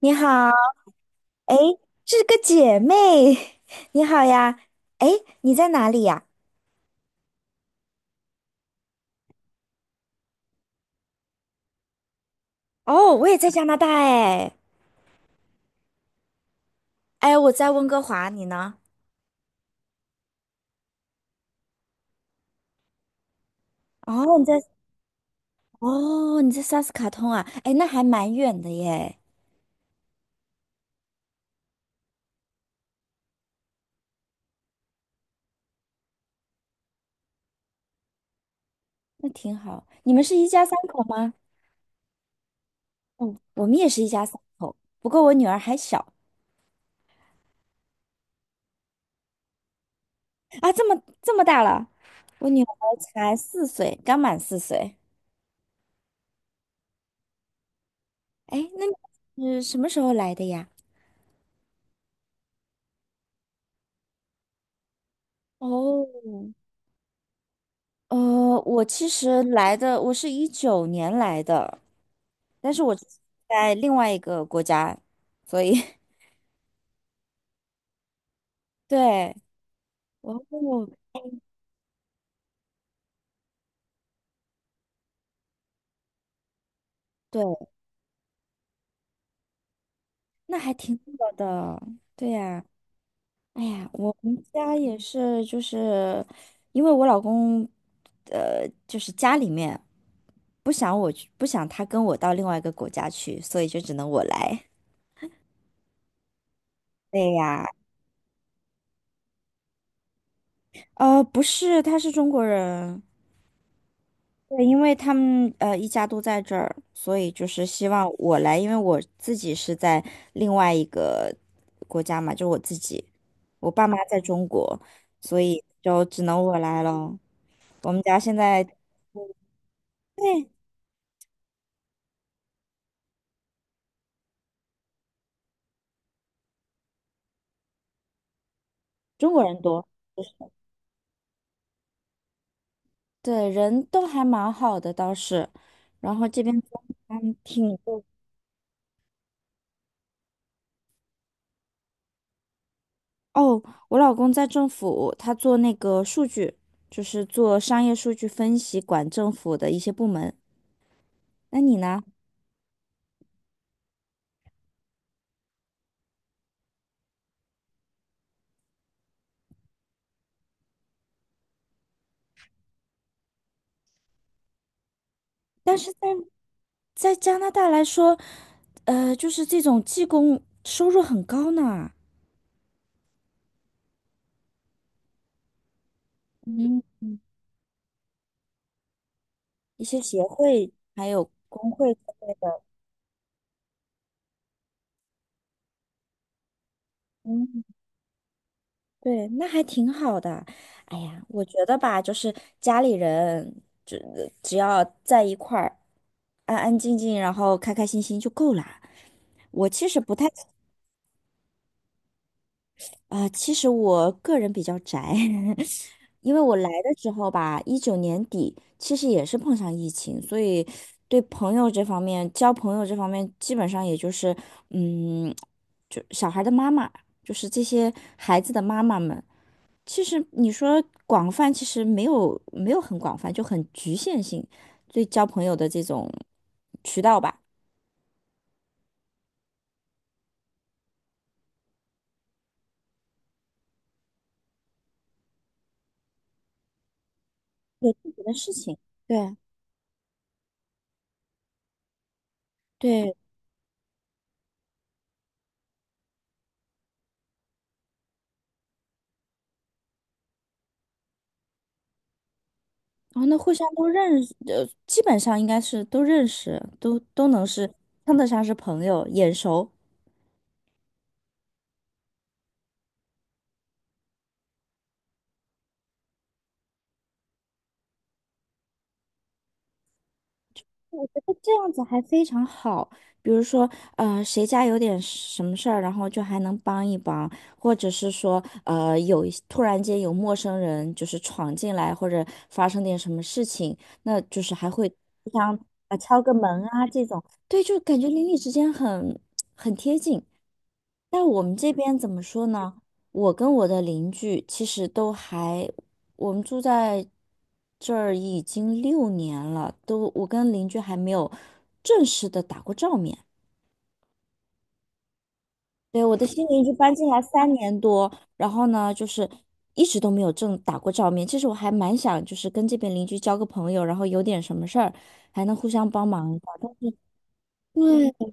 你好，哎，是个姐妹，你好呀，哎，你在哪里呀？哦，我也在加拿大，哎，哎，我在温哥华，你呢？哦，你在，哦，你在萨斯卡通啊，哎，那还蛮远的耶，那挺好。你们是一家三口吗？嗯，我们也是一家三口，不过我女儿还小。啊，这么大了，我女儿才四岁，刚满四岁。哎，那你是什么时候来的呀？哦，呃，我其实来的，我是一九年来的，但是我之前在另外一个国家，所以 对，我，对，那还挺好的，对呀，哎呀，我们家也是，就是因为我老公，就是家里面不想我去，不想他跟我到另外一个国家去，所以就只能我来。对呀，不是，他是中国人。对，因为他们一家都在这儿，所以就是希望我来，因为我自己是在另外一个国家嘛，就我自己，我爸妈在中国，所以就只能我来了。我们家现在对中国人多，对人都还蛮好的倒是，然后这边还挺多哦。我老公在政府，他做那个数据，就是做商业数据分析，管政府的一些部门。那你呢？但是。在加拿大来说，就是这种技工收入很高呢。嗯，一些协会还有工会之类的，嗯，对，那还挺好的。哎呀，我觉得吧，就是家里人只要在一块儿，安安静静，然后开开心心就够了。我其实不太。啊，其实我个人比较宅，因为我来的时候吧，19年底，其实也是碰上疫情，所以对朋友这方面，交朋友这方面，基本上也就是，嗯，就小孩的妈妈，就是这些孩子的妈妈们。其实你说广泛，其实没有很广泛，就很局限性，对交朋友的这种渠道吧，有自己的事情，对对。哦，那互相都认识，基本上应该是都认识，都能是称得上是朋友，眼熟。我觉得这样子还非常好。比如说，谁家有点什么事儿，然后就还能帮一帮，或者是说，有一突然间有陌生人就是闯进来，或者发生点什么事情，那就是还会互相啊敲个门啊这种，对，就感觉邻里之间很。但我们这边怎么说呢？我跟我的邻居其实都还，我们住在这儿已经6年了，都我跟邻居还没有正式的打过照面。对，我的新邻居搬进来3年多，然后呢，就是一直都没有正打过照面。其实我还蛮想，就是跟这边邻居交个朋友，然后有点什么事儿还能互相帮忙一下。但是对，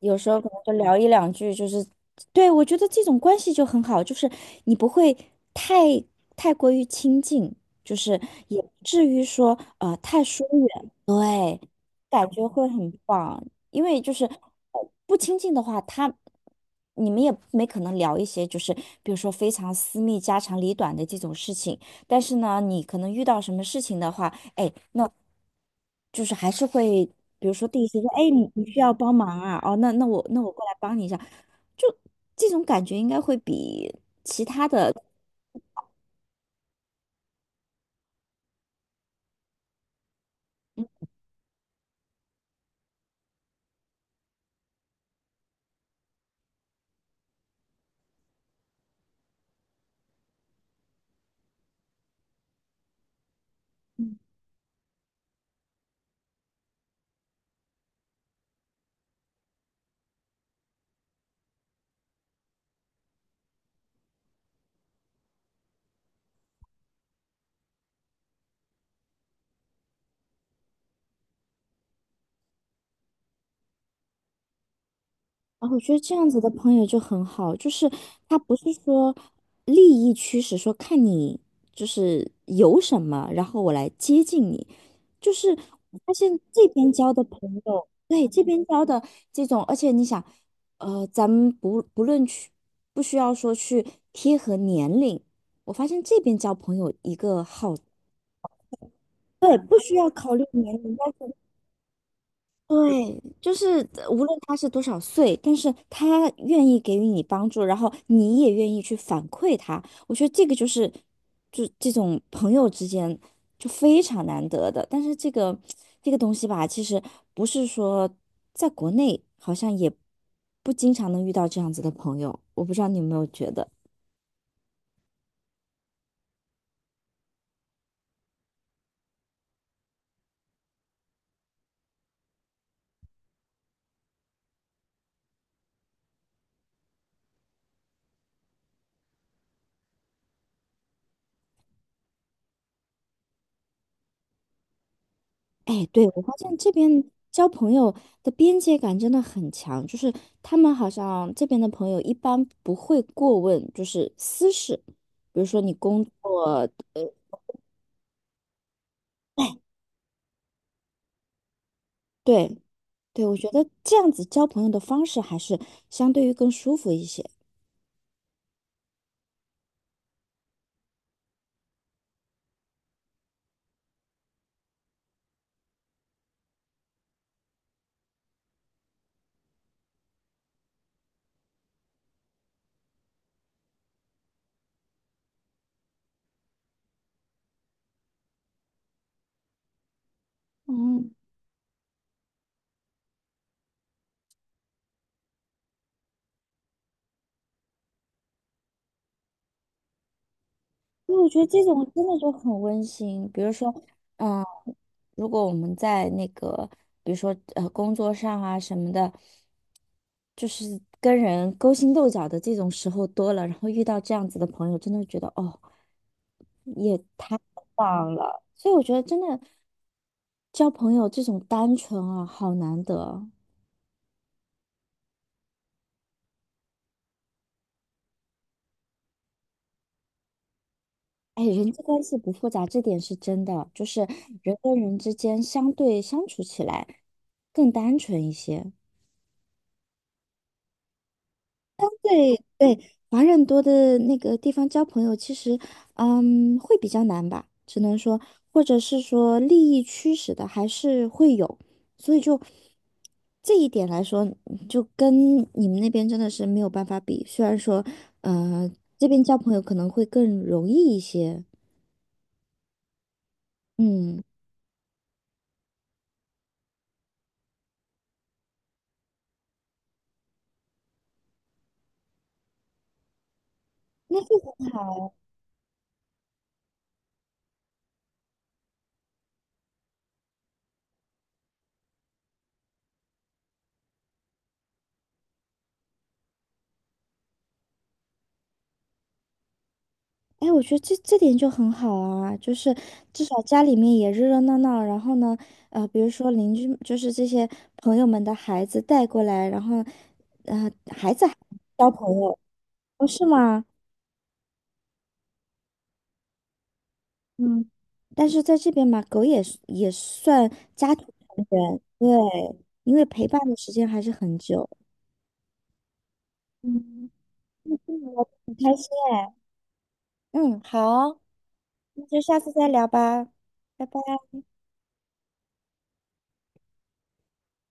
有时候可能就聊一两句，就是，对，我觉得这种关系就很好，就是你不会太太过于亲近，就是也不至于说太疏远，对，感觉会很棒，因为就是不亲近的话，他你们也没可能聊一些就是比如说非常私密、家长里短的这种事情，但是呢，你可能遇到什么事情的话，哎。就是还是会，比如说第一次说，哎，你你需要帮忙啊，哦，那我过来帮你一下，就这种感觉应该会比其他的。啊，我觉得这样子的朋友就很好，就是他不是说利益驱使，说看你就是有什么，然后我来接近你。就是我发现这边交的朋友，对，这边交的这种，而且你想，咱们不论去，不需要说去贴合年龄，我发现这边交朋友一个好，对，不需要考虑年龄，对，就是无论他是多少岁，但是他愿意给予你帮助，然后你也愿意去反馈他，我觉得这个就是，就这种朋友之间就非常难得的。但是这个东西吧，其实不是说在国内好像也不经常能遇到这样子的朋友，我不知道你有没有觉得。哎，对，我发现这边交朋友的边界感真的很强，就是他们好像这边的朋友一般不会过问，就是私事，比如说你工作，哎。对对，我觉得这样子交朋友的方式还是相对于更舒服一些。嗯。因为我觉得这种真的就很温馨。比如说，嗯，如果我们在那个，比如说工作上啊什么的，就是跟人勾心斗角的这种时候多了，然后遇到这样子的朋友，真的觉得哦，忘了。所以我觉得真的交朋友这种单纯啊，好难得。哎，人际关系不复杂，这点是真的，就是人跟人之间相对相处起来更单纯一些。对对，华人多的那个地方交朋友，其实，嗯，会比较难吧，只能说，或者是说利益驱使的还是会有，所以就这一点来说，就跟你们那边真的是没有办法比。虽然说，呃，这边交朋友可能会更容易一些，嗯。那。哎，我觉得这点就很好啊，就是至少家里面也热热闹闹，然后呢，比如说邻居，就是这些朋友们的孩子带过来，然后交朋友，哦，是吗？嗯，但是在这边嘛，狗也是也算家庭成员，对，因为陪伴的时间还是很久。嗯，嗯我很开心。哎，嗯，好哦，那就下次再聊吧，拜拜。